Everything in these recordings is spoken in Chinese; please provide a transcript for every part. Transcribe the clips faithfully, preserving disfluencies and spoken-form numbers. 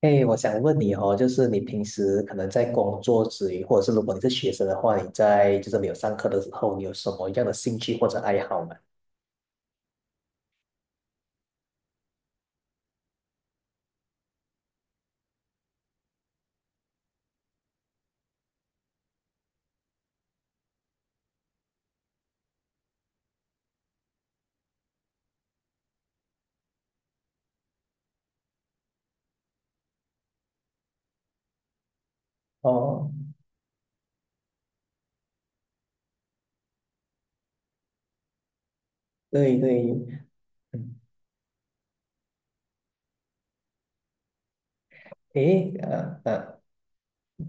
哎，我想问你哦，就是你平时可能在工作之余，或者是如果你是学生的话，你在就是没有上课的时候，你有什么样的兴趣或者爱好吗？哦，对对，嗯，诶，呃呃，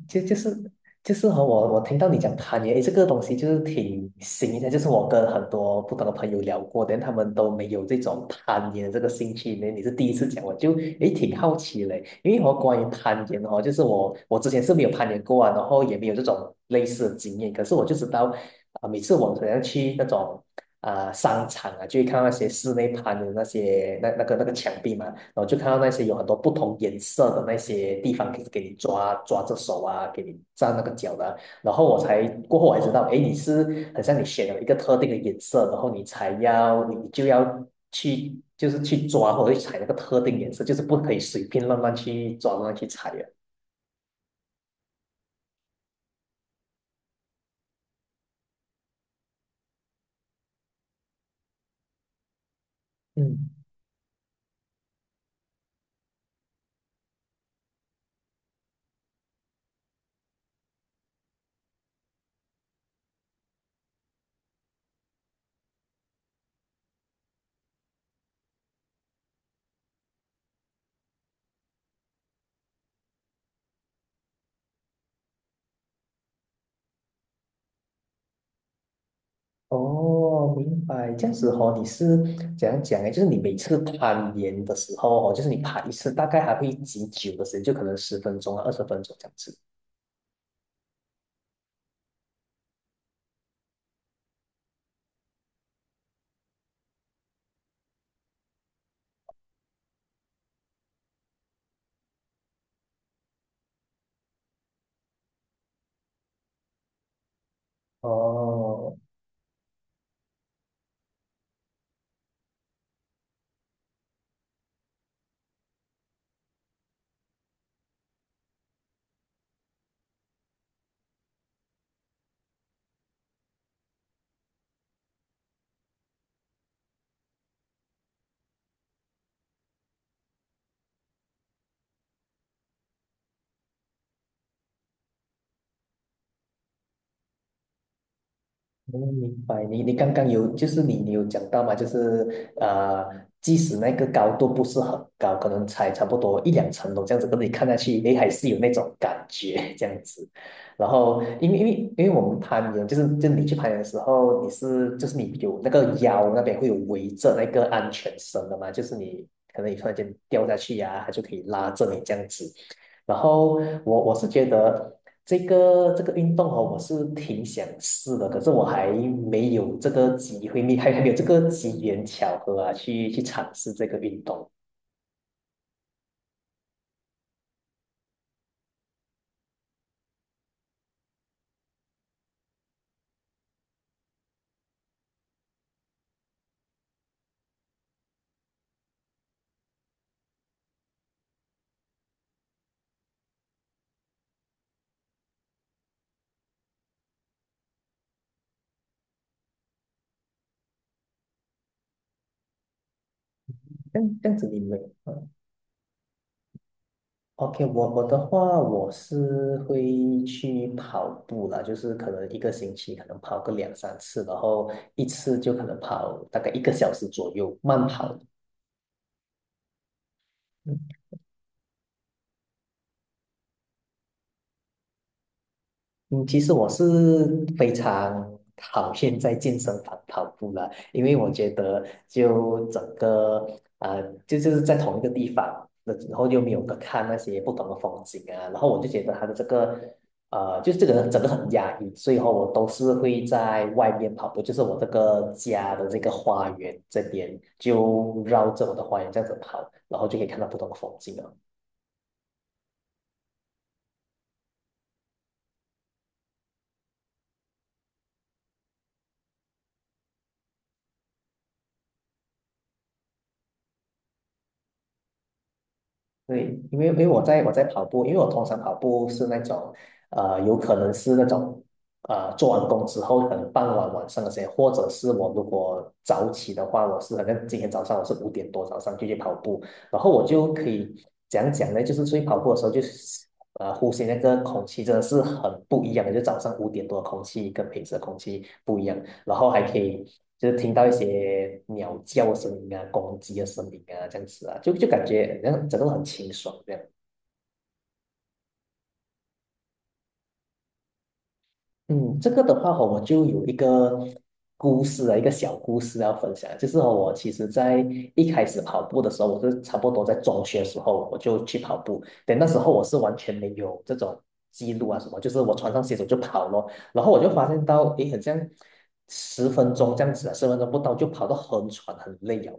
就就是就是和我我听到你讲攀岩，诶，这个东西就是挺新的，就是我跟很多不同的朋友聊过，但他们都没有这种攀岩这个兴趣。那你是第一次讲，我就诶挺好奇嘞，因为我关于攀岩哦，就是我我之前是没有攀岩过啊，然后也没有这种类似的经验，可是我就知道啊、每次我好像去那种啊、商场啊，就会看到那些室内攀的那些那那个那个墙壁嘛。然后就看到那些有很多不同颜色的那些地方给给你抓抓着手啊，给你站那个脚的啊。然后我才过后我才知道，哎，你是很像你选了一个特定的颜色，然后你才要你就要去就是去抓或者去踩那个特定颜色，就是不可以随便乱乱去抓乱乱去踩的。嗯，哦，明白。这样子哦，你是怎样讲呢？就是你每次攀岩的时候哦，就是你爬一次，大概还会几久的时间？就可能十分钟啊，二十分钟这样子。哦，嗯，明白。你你刚刚有，就是你你有讲到嘛，就是呃，即使那个高度不是很高，可能才差不多一两层楼这样子，可是你看下去，诶，还是有那种感觉这样子。然后，因为因为因为我们攀岩，就是就你去攀岩的时候，你是就是你有那个腰那边会有围着那个安全绳的嘛，就是你可能你突然间掉下去呀、它就可以拉着你这样子。然后我我是觉得这个这个运动哦，我是挺想试的，可是我还没有这个机会，你还还没有这个机缘巧合啊，去去尝试这个运动。这样这样子你们嗯，OK，我我的话，我是会去跑步啦，就是可能一个星期可能跑个两三次，然后一次就可能跑大概一个小时左右，慢跑。嗯，其实我是非常讨厌在健身房跑步了，因为我觉得就整个呃，就就是在同一个地方，那然后又没有个看那些不同的风景啊，然后我就觉得它的这个呃，就是这个整个很压抑，所以后我都是会在外面跑步，就是我这个家的这个花园这边，就绕着我的花园这样子跑，然后就可以看到不同的风景啊。对，因为因为我在我在跑步，因为我通常跑步是那种，呃，有可能是那种，呃，做完工之后，可能傍晚晚上那些，或者是我如果早起的话，我是好像今天早上我是五点多早上就去跑步，然后我就可以讲讲呢，就是出去跑步的时候，就是呃，呼吸那个空气真的是很不一样的，就早上五点多的空气跟平时的空气不一样。然后还可以就是听到一些鸟叫的声音啊、公鸡的声音啊，这样子啊，就就感觉好像整个人很清爽这样。嗯，这个的话哦，我就有一个故事啊，一个小故事要分享，就是哦我其实在一开始跑步的时候，我是差不多在中学的时候我就去跑步，但那时候我是完全没有这种记录啊什么，就是我穿上鞋子我就跑咯，然后我就发现到，诶，好像十分钟这样子啊，十分钟不到就跑到很喘很累啊。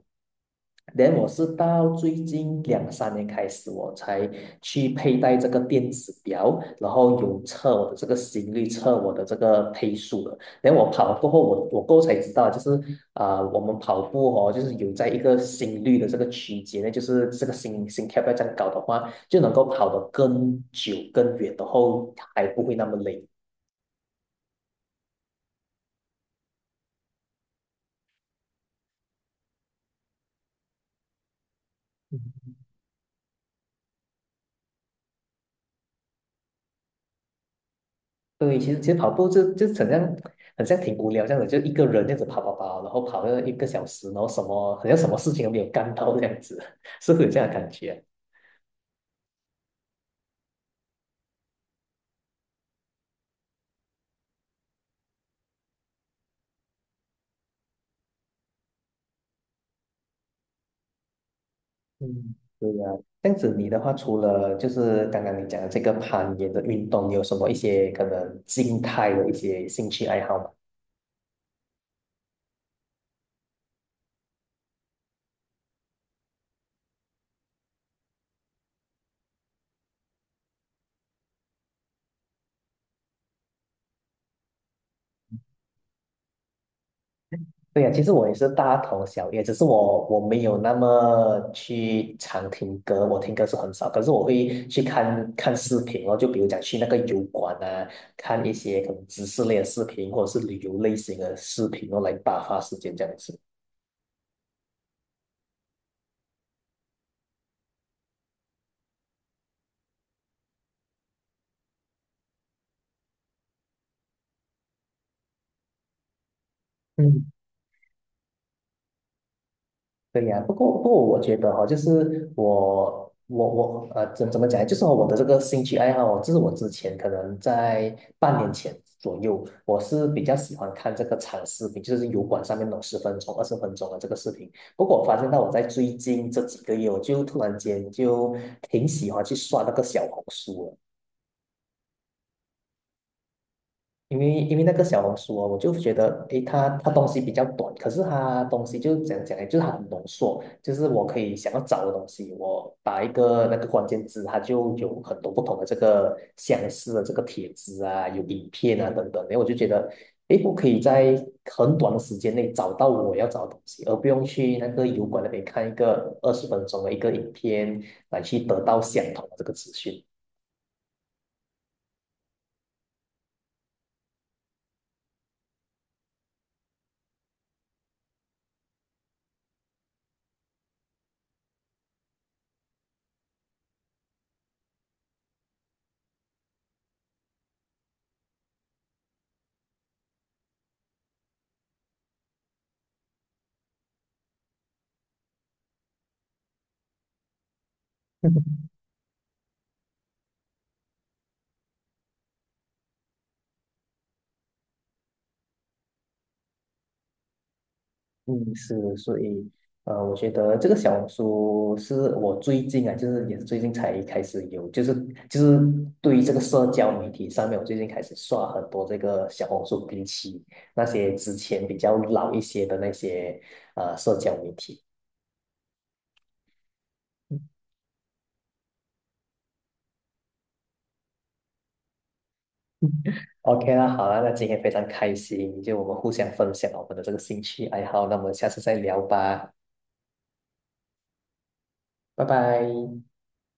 连后我是到最近两三年开始，我才去佩戴这个电子表，然后有测我的这个心率，测我的这个配速的。然后我跑过后，我我过后才知道，就是啊、呃我们跑步哦，就是有在一个心率的这个区间呢，就是这个心心跳不要这样高的话，就能够跑得更久更远，然后还不会那么累。对，其实其实跑步就就很像，很像挺无聊这样子，就一个人这样子跑跑跑，然后跑了一个小时，然后什么好像什么事情都没有干到这样子，是会有这样的感觉。嗯。对呀，这样子你的话，除了就是刚刚你讲的这个攀岩的运动，你有什么一些可能静态的一些兴趣爱好吗？对呀，其实我也是大同小异，只是我我没有那么去常听歌，我听歌是很少，可是我会去看看视频哦，就比如讲去那个油管啊，看一些可能知识类的视频或者是旅游类型的视频哦，来打发时间这样子。嗯。对呀，不过不过，我觉得哈、就是我我我呃，怎怎么讲呢就是我的这个兴趣爱好哦，就是我之前可能在半年前左右，我是比较喜欢看这个长视频，就是油管上面弄种十分钟、二十分钟的这个视频。不过我发现到我在最近这几个月，我就突然间就挺喜欢去刷那个小红书了。因为因为那个小红书哦，我就觉得，诶，它它东西比较短，可是它东西就讲讲呢？就是它很浓缩，就是我可以想要找的东西，我打一个那个关键字，它就有很多不同的这个相似的这个帖子啊，有影片啊等等，然后我就觉得，诶，我可以在很短的时间内找到我要找的东西，而不用去那个油管那边看一个二十分钟的一个影片来去得到相同的这个资讯。嗯，是，所以，呃，我觉得这个小红书是我最近啊，就是也是最近才开始有，就是就是对于这个社交媒体上面，我最近开始刷很多这个小红书，比起那些之前比较老一些的那些呃社交媒体。OK 啦，好啦，那今天非常开心，就我们互相分享我们的这个兴趣爱好，那我们下次再聊吧，拜拜。